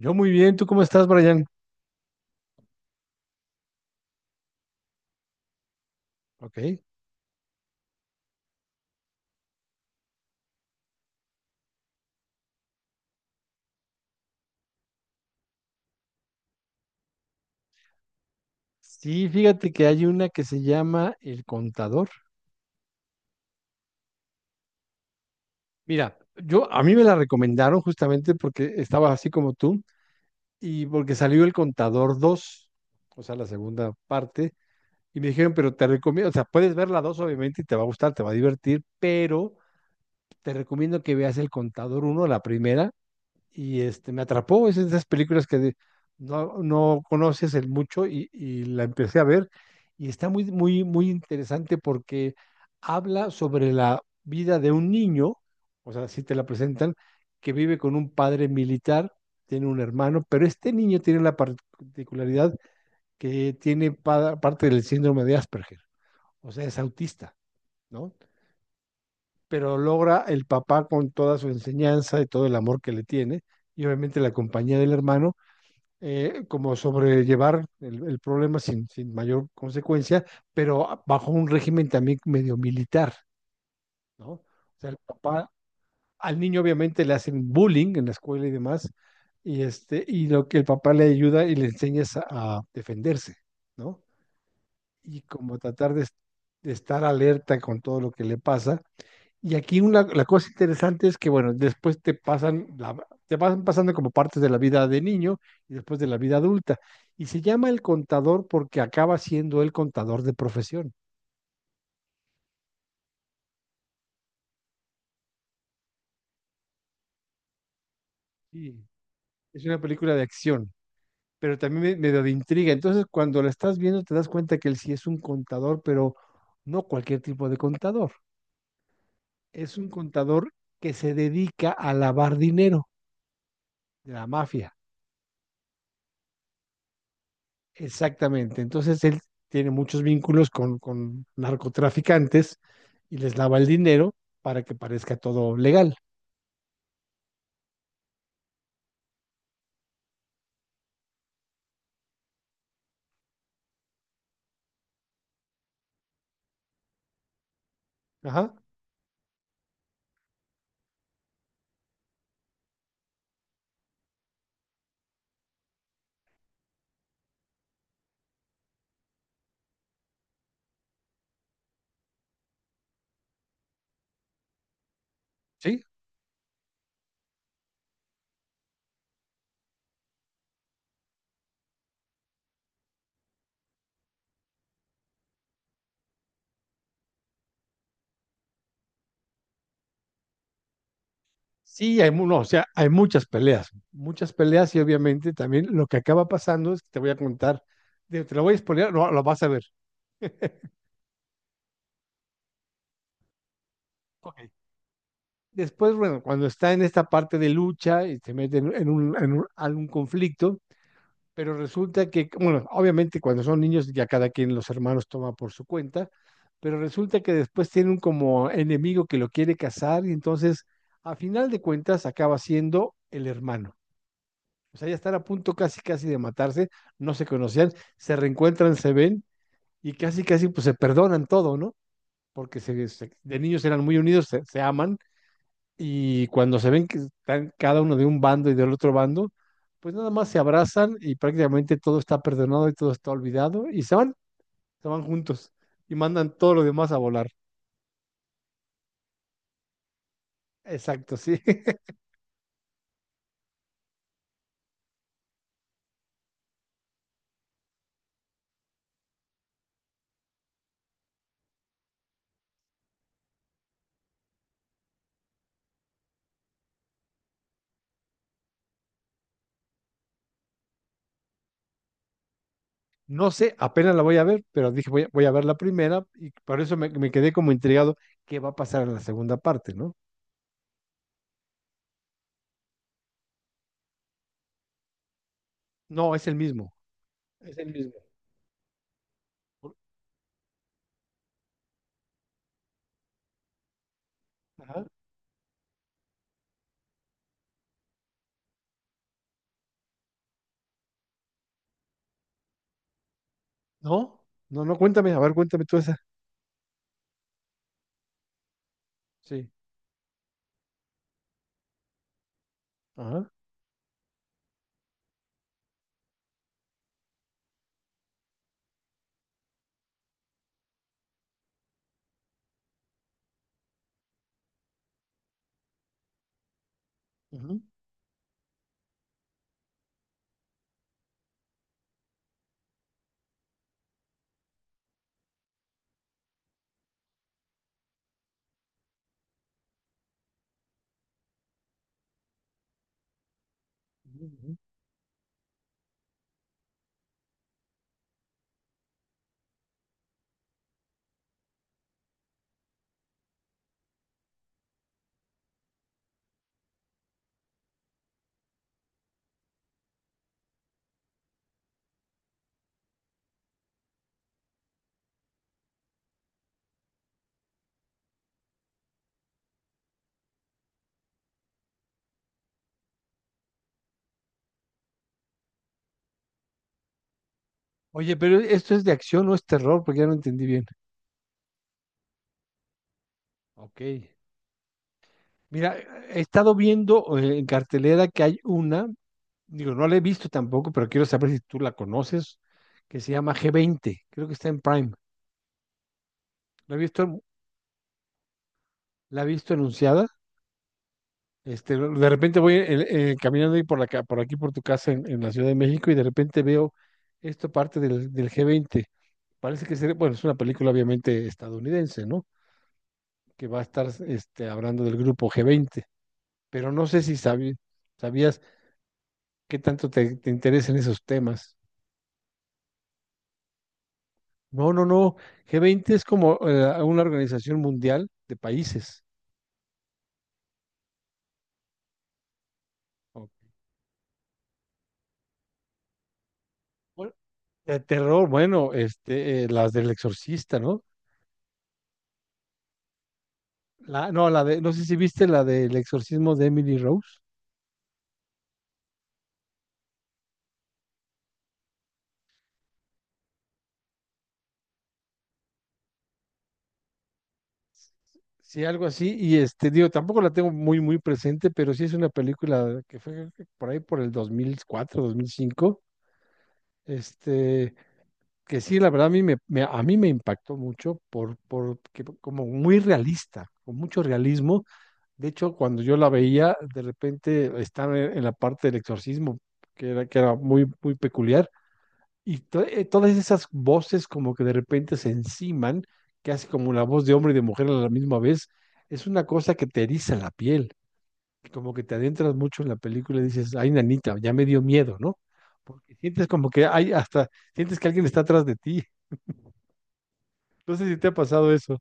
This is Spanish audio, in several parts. Yo muy bien, ¿tú cómo estás, Brian? Ok. Sí, fíjate que hay una que se llama El Contador. Mira, yo a mí me la recomendaron justamente porque estaba así como tú y porque salió El Contador 2, o sea, la segunda parte, y me dijeron, pero te recomiendo, o sea, puedes ver la 2 obviamente y te va a gustar, te va a divertir, pero te recomiendo que veas El Contador 1, la primera, y este, me atrapó. Es de esas películas que no, no conoces el mucho y la empecé a ver y está muy, muy, muy interesante porque habla sobre la vida de un niño, o sea, si te la presentan, que vive con un padre militar, tiene un hermano, pero este niño tiene la particularidad que tiene parte del síndrome de Asperger, o sea, es autista, ¿no? Pero logra el papá con toda su enseñanza y todo el amor que le tiene, y obviamente la compañía del hermano, como sobrellevar el problema sin mayor consecuencia, pero bajo un régimen también medio militar, ¿no? O sea, el papá, al niño obviamente le hacen bullying en la escuela y demás, y este, y lo que el papá le ayuda y le enseña es a defenderse, ¿no? Y como tratar de estar alerta con todo lo que le pasa y aquí una, la cosa interesante es que, bueno, después te pasan, te pasan pasando como partes de la vida de niño y después de la vida adulta. Y se llama El Contador porque acaba siendo el contador de profesión. Sí. Es una película de acción, pero también medio de intriga. Entonces, cuando la estás viendo, te das cuenta que él sí es un contador, pero no cualquier tipo de contador. Es un contador que se dedica a lavar dinero de la mafia. Exactamente. Entonces él tiene muchos vínculos con narcotraficantes y les lava el dinero para que parezca todo legal. Ajá. Sí. Sí, hay, no, o sea, hay muchas peleas y obviamente también lo que acaba pasando es que te voy a contar, digo, te lo voy a spoilear, no, lo vas a ver. Ok. Después, bueno, cuando está en esta parte de lucha y se mete en algún conflicto. Pero resulta que, bueno, obviamente cuando son niños ya cada quien los hermanos toma por su cuenta, pero resulta que después tienen como enemigo que lo quiere casar y entonces a final de cuentas acaba siendo el hermano. O sea, ya están a punto casi casi de matarse, no se conocían, se reencuentran, se ven y casi casi pues se perdonan todo, ¿no? Porque de niños eran muy unidos, se aman y cuando se ven que están cada uno de un bando y del otro bando, pues nada más se abrazan y prácticamente todo está perdonado y todo está olvidado y se van juntos y mandan todo lo demás a volar. Exacto, sí. No sé, apenas la voy a ver, pero dije voy a ver la primera y por eso me quedé como intrigado qué va a pasar en la segunda parte, ¿no? No, es el mismo, es el mismo. Por- Ajá. No, no, no, cuéntame, a ver, cuéntame tú esa. Sí. Ajá. Ujú. Oye, pero esto es de acción, no es terror, porque ya no entendí bien. Ok. Mira, he estado viendo en cartelera que hay una, digo, no la he visto tampoco, pero quiero saber si tú la conoces, que se llama G20. Creo que está en Prime. La he visto, la he visto anunciada. Este, de repente voy caminando ahí por la, por aquí por tu casa en la Ciudad de México y de repente veo esto parte del G20. Parece que sería, bueno, es una película obviamente estadounidense, ¿no? Que va a estar este, hablando del grupo G20. Pero no sé si sabías qué tanto te interesan esos temas. No, no, no. G20 es como una organización mundial de países. Ok. Bueno, de terror, bueno, este, las del exorcista, ¿no? La, no, la de, no sé si viste la del exorcismo de Emily Rose. Sí, algo así. Y este, digo, tampoco la tengo muy, muy presente, pero sí es una película que fue por ahí por el 2004, 2005. Este, que sí, la verdad a mí a mí me impactó mucho como muy realista, con mucho realismo. De hecho, cuando yo la veía, de repente estaba en la parte del exorcismo, que era muy, muy peculiar, y todas esas voces como que de repente se enciman, que hace como la voz de hombre y de mujer a la misma vez, es una cosa que te eriza la piel, como que te adentras mucho en la película y dices, ay, nanita, ya me dio miedo, ¿no? Porque sientes como que hay hasta, sientes que alguien está atrás de ti. No sé si te ha pasado eso.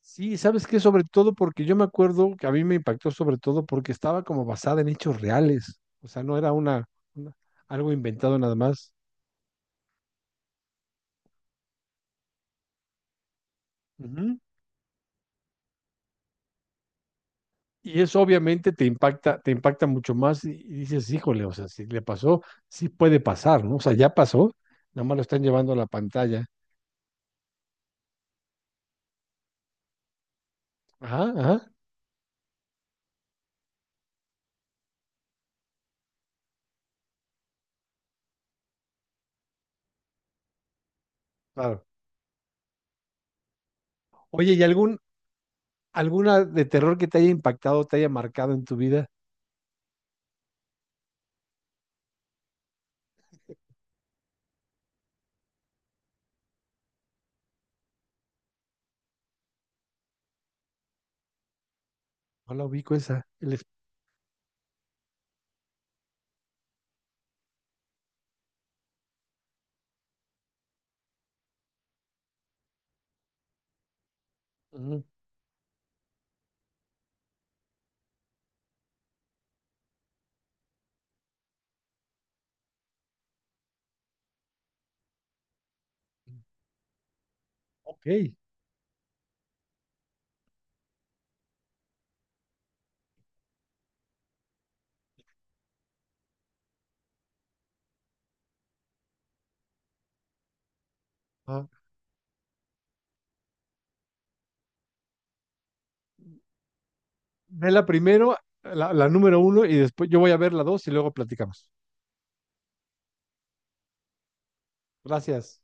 Sí, ¿sabes qué? Sobre todo porque yo me acuerdo que a mí me impactó sobre todo porque estaba como basada en hechos reales. O sea, no era una, una- algo inventado nada más. Ujú. Y eso obviamente te impacta mucho más y dices, híjole, o sea, si le pasó, sí puede pasar, ¿no? O sea, ya pasó, nada más lo están llevando a la pantalla. Ajá, ajá, claro. Oye, ¿y algún, alguna de terror que te haya impactado, te haya marcado en tu vida? No la ubico esa. Ujú. Ok. Ve la primero, la número uno, y después yo voy a ver la 2 y luego platicamos. Gracias.